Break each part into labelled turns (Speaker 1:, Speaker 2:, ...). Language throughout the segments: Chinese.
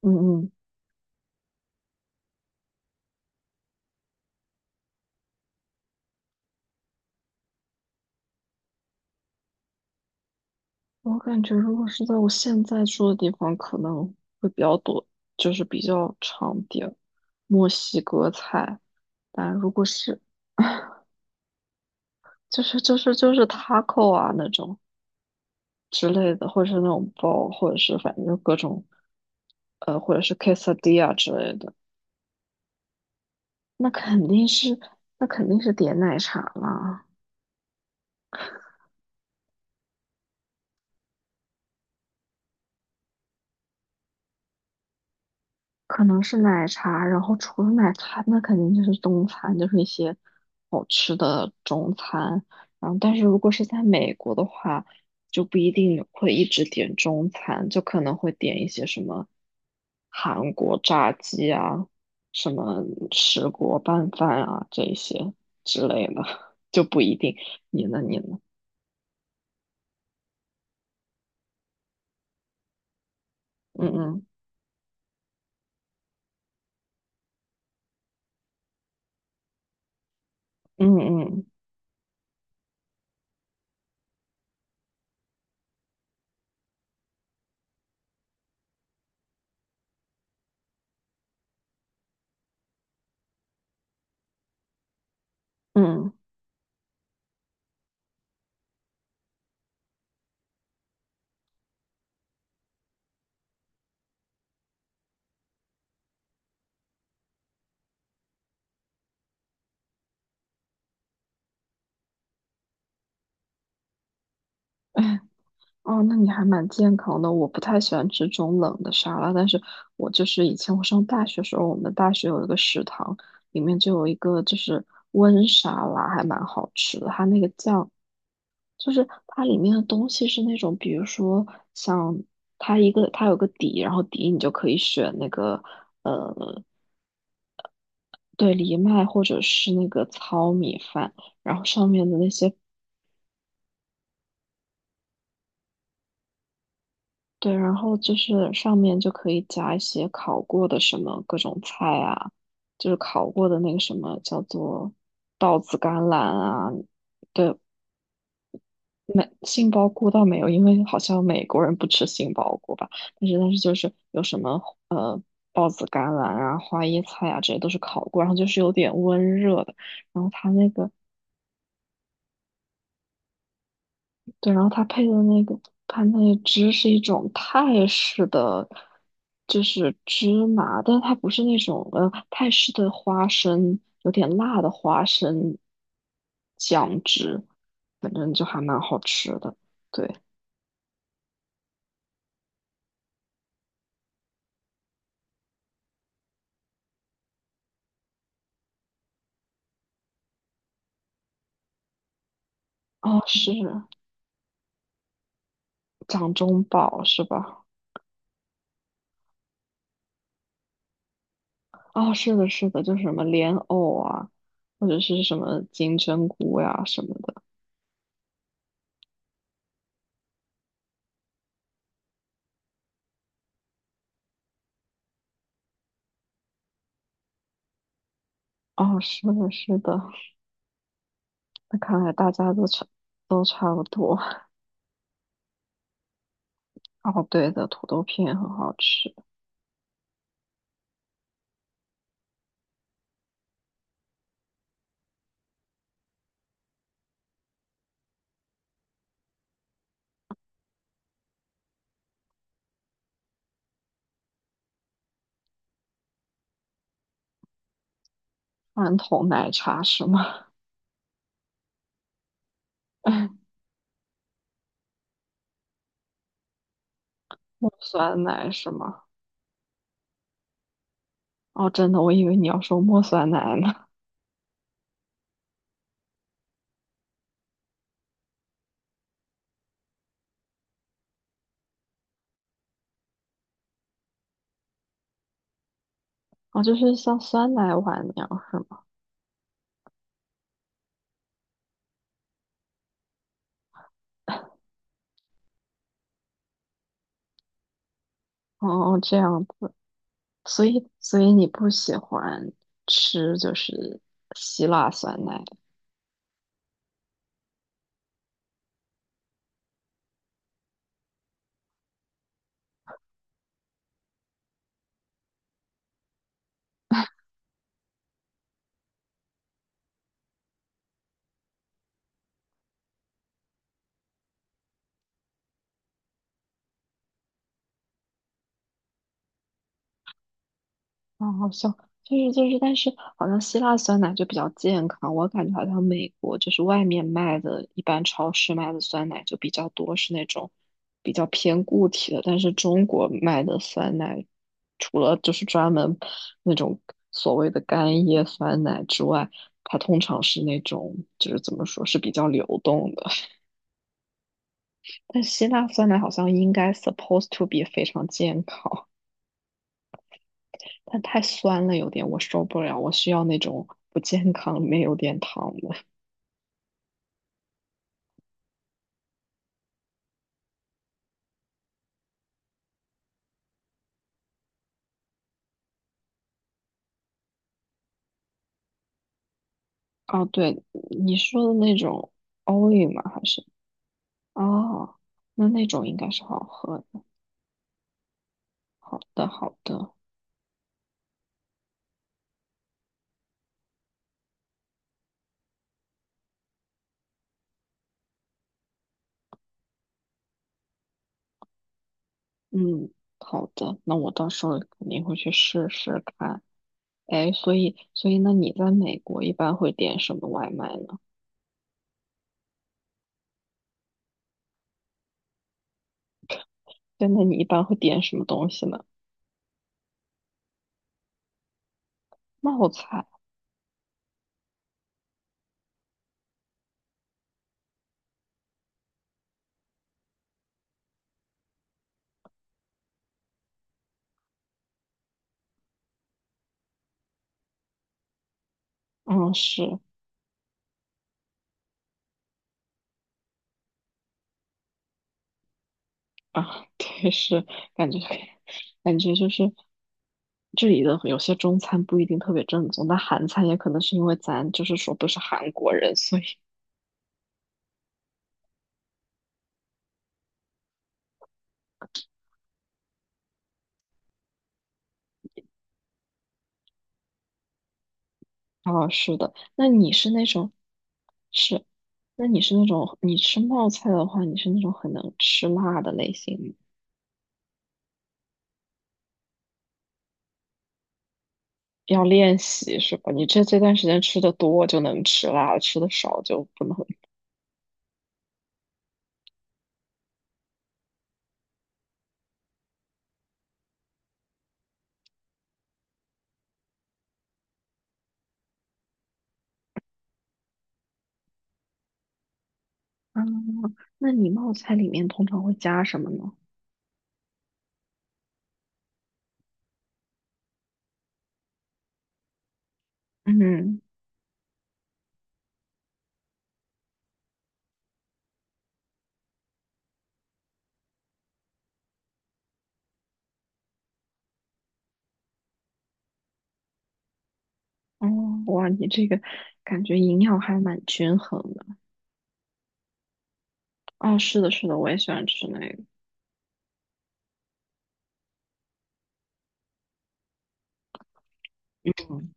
Speaker 1: 嗯嗯，我感觉如果是在我现在住的地方，可能会比较多，就是比较常点墨西哥菜。但如果是就是 taco 啊那种之类的，或者是那种包，或者是反正就各种或者是 quesadilla 之类的，那肯定是那肯定是点奶茶啦。可能是奶茶，然后除了奶茶，那肯定就是中餐，就是一些好吃的中餐。然后，但是如果是在美国的话，就不一定会一直点中餐，就可能会点一些什么韩国炸鸡啊，什么石锅拌饭啊这一些之类的，就不一定。你呢？你呢？嗯嗯嗯嗯嗯。哦，那你还蛮健康的。我不太喜欢吃这种冷的沙拉，但是我就是以前我上大学时候，我们大学有一个食堂，里面就有一个就是温沙拉，还蛮好吃的。它那个酱，就是它里面的东西是那种，比如说像它有个底，然后底你就可以选那个呃对藜麦或者是那个糙米饭，然后上面的那些对，然后就是上面就可以加一些烤过的什么各种菜啊，就是烤过的那个什么叫做豆子甘蓝啊，对，杏鲍菇倒没有，因为好像美国人不吃杏鲍菇吧，但是就是有什么呃豹子甘蓝啊、花椰菜啊，这些都是烤过，然后就是有点温热的，然后它那个对，然后它那个汁是一种泰式的，就是芝麻，但是它不是那种泰式的花生，有点辣的花生酱汁，反正就还蛮好吃的。对，哦，是掌中宝是吧？哦，是的，是的，就是什么莲藕啊，或者是什么金针菇呀、什么的。哦，是的，是的，那看来大家都差不多。哦，对的，土豆片很好吃，罐头奶茶是吗？茉酸奶是吗？哦，真的，我以为你要说茉酸奶呢。哦，就是像酸奶碗那样是吗？哦，这样子，所以你不喜欢吃就是希腊酸奶啊，好像就是，但是好像希腊酸奶就比较健康，我感觉好像美国就是外面卖的，一般超市卖的酸奶就比较多是那种比较偏固体的，但是中国卖的酸奶，除了就是专门那种所谓的干叶酸奶之外，它通常是那种就是怎么说是比较流动的，但希腊酸奶好像应该 supposed to be 非常健康。它太酸了，有点我受不了，我需要那种不健康里面有点糖的。哦，对，你说的那种 Oli 吗？哦，那种应该是好喝的。好的，好的，嗯，好的，那我到时候肯定会去试试看。哎，所以那你在美国一般会点什么外卖呢？对，那你一般会点什么东西呢？冒菜，嗯，是，啊，对，是感觉感觉就是这里的有些中餐不一定特别正宗，但韩餐也可能是因为咱就是说不是韩国人，所以啊，是的。是，那你是那种你吃冒菜的话，你是那种很能吃辣的类型吗，要练习是吧？你这段时间吃的多就能吃辣，吃的少就不能。啊，那你冒菜里面通常会加什么呢？嗯哦，哇，你这个感觉营养还蛮均衡的。啊！是的，是的，我也喜欢吃那个。嗯，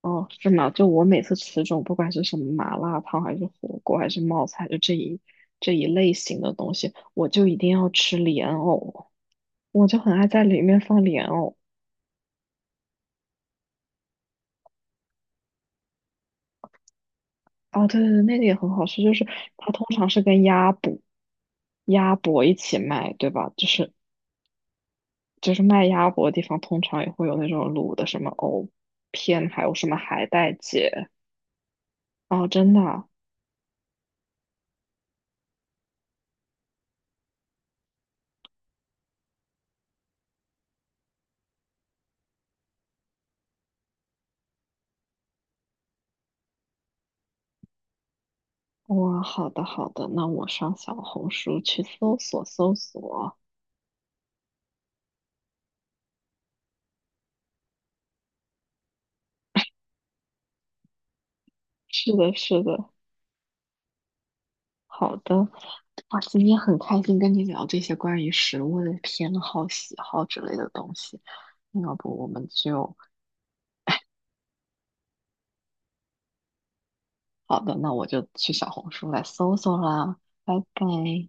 Speaker 1: 哦，是吗？就我每次吃这种，不管是什么麻辣烫，还是火锅，还是冒菜，就这一类型的东西，我就一定要吃莲藕，我就很爱在里面放莲藕。哦，对对对，那个也很好吃，就是它通常是跟鸭脖一起卖，对吧？就是卖鸭脖的地方，通常也会有那种卤的什么藕片，还有什么海带结。哦，真的啊哇，好的好的，那我上小红书去搜索搜索。是的，是的，好的。哇，今天很开心跟你聊这些关于食物的偏好、喜好之类的东西。那要不我们就，好的，那我就去小红书来搜搜啦。拜拜。